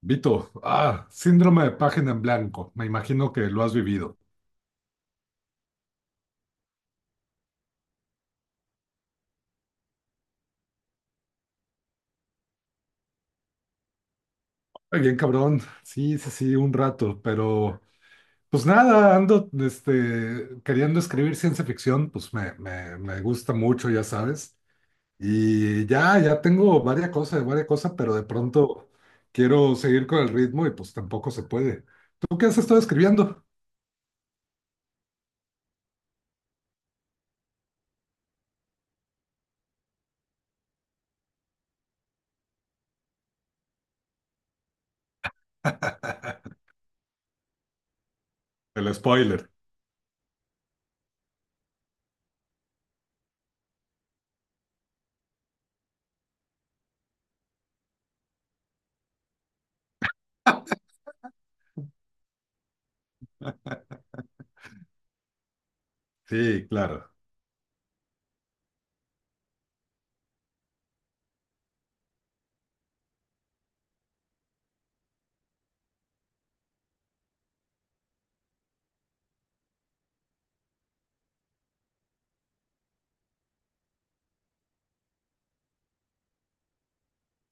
Vito, síndrome de página en blanco. Me imagino que lo has vivido. Ay, bien, cabrón. Sí, sí, sí, un rato, pero pues nada, ando queriendo escribir ciencia ficción, pues me gusta mucho, ya sabes. Y ya tengo varias cosas, pero de pronto quiero seguir con el ritmo y pues tampoco se puede. ¿Tú qué has estado escribiendo? El spoiler. Sí, claro.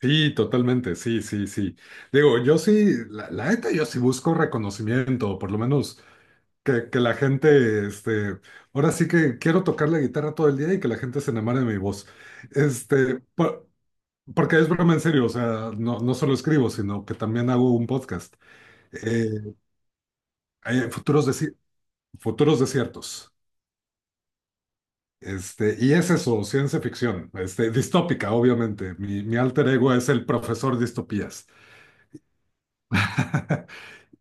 Sí, totalmente, sí, sí, sí. Digo, yo sí, la neta, yo sí busco reconocimiento, por lo menos que la gente, ahora sí que quiero tocar la guitarra todo el día y que la gente se enamore de mi voz. Este, por- Porque es broma en serio, o sea, no, no solo escribo, sino que también hago un podcast. Eh, hay futuros, desi- Futuros desiertos. Y es eso, ciencia ficción, distópica, obviamente. Mi alter ego es el profesor distopías.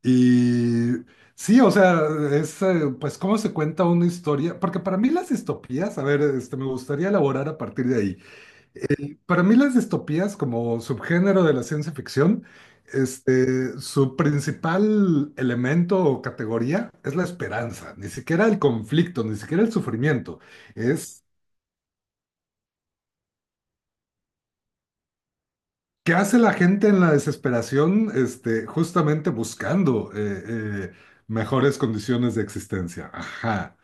Y sí, o sea, es pues cómo se cuenta una historia, porque para mí las distopías, a ver, me gustaría elaborar a partir de ahí. Para mí las distopías como subgénero de la ciencia ficción, su principal elemento o categoría es la esperanza, ni siquiera el conflicto, ni siquiera el sufrimiento, es qué hace la gente en la desesperación, justamente buscando eh, mejores condiciones de existencia. Ajá.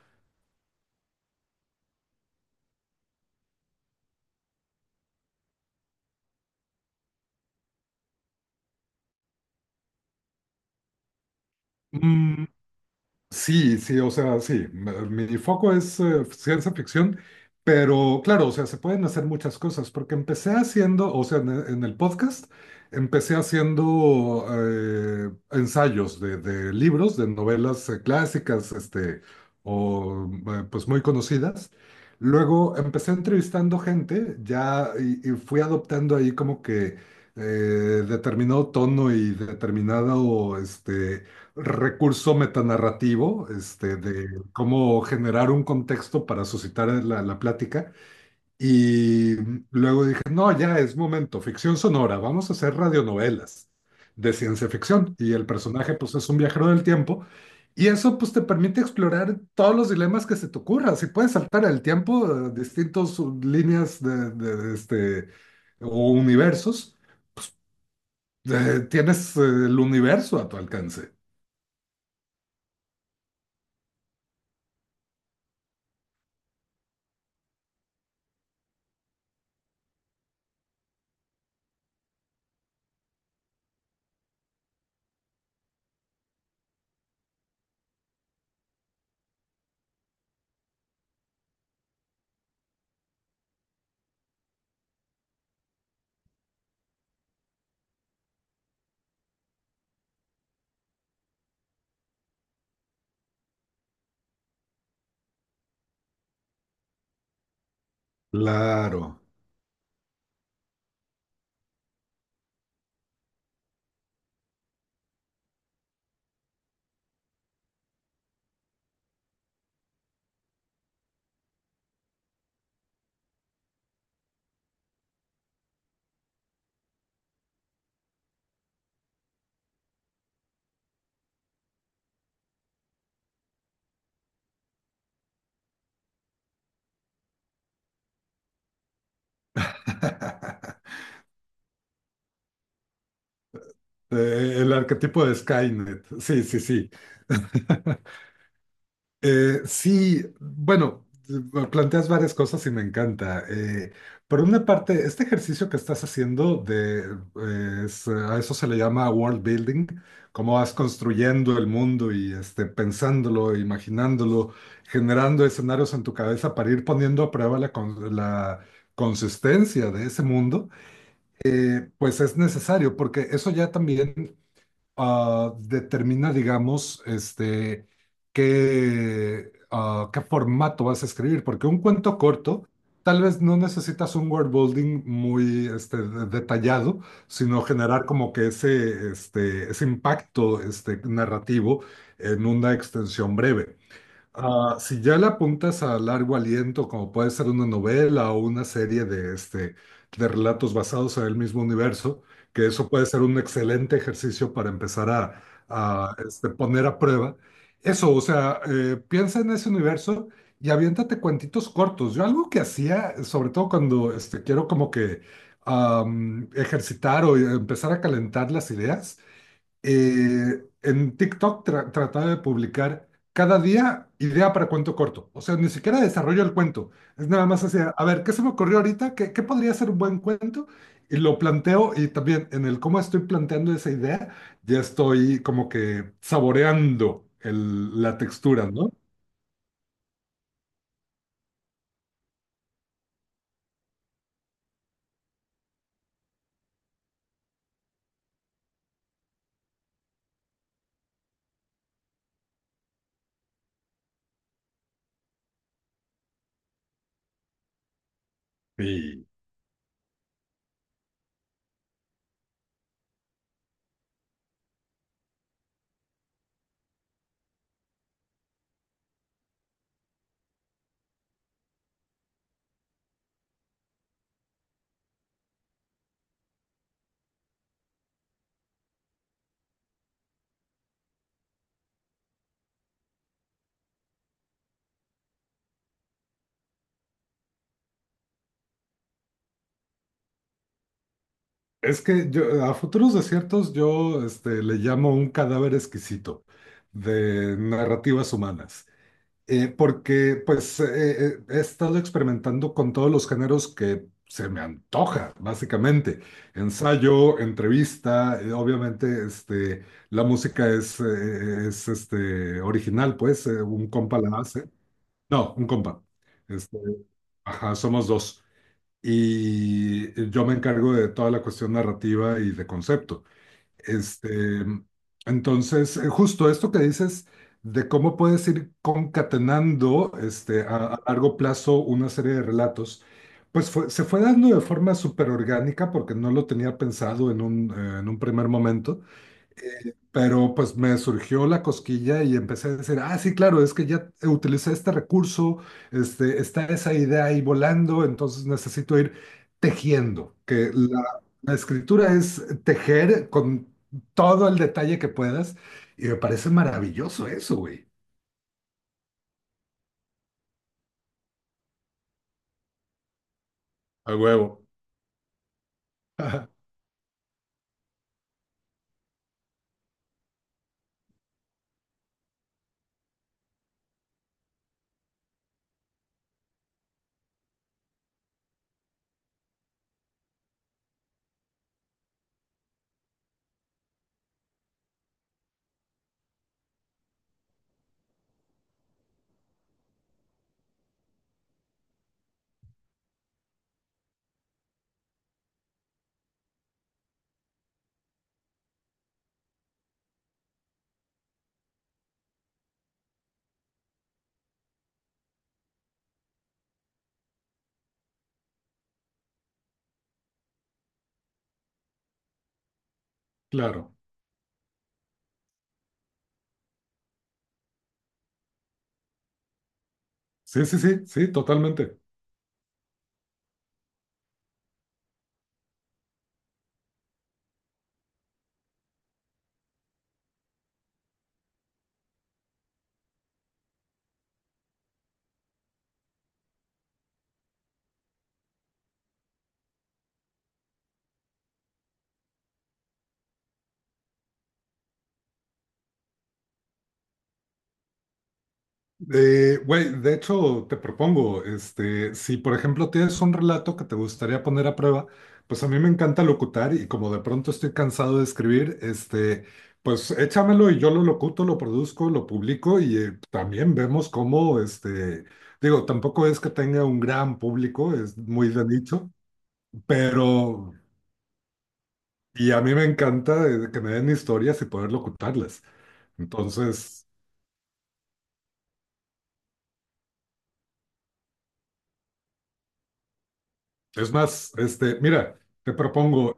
Sí, sí, o sea, sí, mi foco es ciencia ficción, pero claro, o sea, se pueden hacer muchas cosas, porque empecé haciendo, o sea, en el podcast, empecé haciendo ensayos de libros, de novelas clásicas, o pues muy conocidas. Luego empecé entrevistando gente, ya, y fui adoptando ahí como que eh, determinado tono y determinado, recurso metanarrativo, de cómo generar un contexto para suscitar la plática. Y luego dije, no, ya es momento, ficción sonora, vamos a hacer radionovelas de ciencia ficción. Y el personaje, pues, es un viajero del tiempo. Y eso, pues, te permite explorar todos los dilemas que se te ocurra. Si puedes saltar el tiempo, distintas líneas de o universos, tienes el universo a tu alcance. Claro. El arquetipo de Skynet. Sí, sí, sí. Sí, bueno, planteas varias cosas y me encanta. Por una parte, este ejercicio que estás haciendo de, a eso se le llama world building, cómo vas construyendo el mundo y pensándolo, imaginándolo, generando escenarios en tu cabeza para ir poniendo a prueba la consistencia de ese mundo, pues es necesario, porque eso ya también determina, digamos, qué, qué formato vas a escribir, porque un cuento corto tal vez no necesitas un word building muy detallado, sino generar como que ese, ese impacto narrativo en una extensión breve. Ah, si ya le apuntas a largo aliento, como puede ser una novela o una serie de, de relatos basados en el mismo universo, que eso puede ser un excelente ejercicio para empezar a poner a prueba. Eso, o sea, piensa en ese universo y aviéntate cuentitos cortos. Yo algo que hacía, sobre todo cuando quiero como que ejercitar o empezar a calentar las ideas, en TikTok trataba de publicar cada día idea para cuento corto. O sea, ni siquiera desarrollo el cuento. Es nada más así, a ver, ¿qué se me ocurrió ahorita? ¿Qué, qué podría ser un buen cuento? Y lo planteo y también en el cómo estoy planteando esa idea, ya estoy como que saboreando la textura, ¿no? Y es que yo a Futuros Desiertos yo le llamo un cadáver exquisito de narrativas humanas. Porque pues he estado experimentando con todos los géneros que se me antoja, básicamente. Ensayo, entrevista, obviamente la música es original, pues un compa la hace. No, un compa. Este, ajá, somos dos. Y yo me encargo de toda la cuestión narrativa y de concepto. Este, entonces, justo esto que dices de cómo puedes ir concatenando este, a largo plazo una serie de relatos, pues se fue dando de forma súper orgánica porque no lo tenía pensado en un, en un primer momento. Pero pues me surgió la cosquilla y empecé a decir, ah, sí, claro, es que ya utilicé este recurso, está esa idea ahí volando, entonces necesito ir tejiendo, que la escritura es tejer con todo el detalle que puedas y me parece maravilloso eso, güey. A huevo. Claro. Sí, sí, sí, sí, totalmente. Güey, de hecho, te propongo, si por ejemplo tienes un relato que te gustaría poner a prueba, pues a mí me encanta locutar y como de pronto estoy cansado de escribir, pues échamelo y yo lo locuto, lo produzco, lo publico y también vemos cómo, digo, tampoco es que tenga un gran público, es muy de nicho, pero, y a mí me encanta que me den historias y poder locutarlas. Entonces, es más, mira. Te propongo,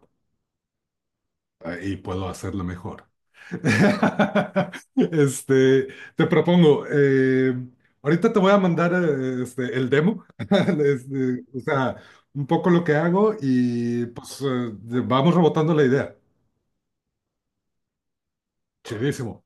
y puedo hacerlo mejor. Este, te propongo, ahorita te voy a mandar el demo, o sea, un poco lo que hago y pues vamos rebotando la idea. Chidísimo.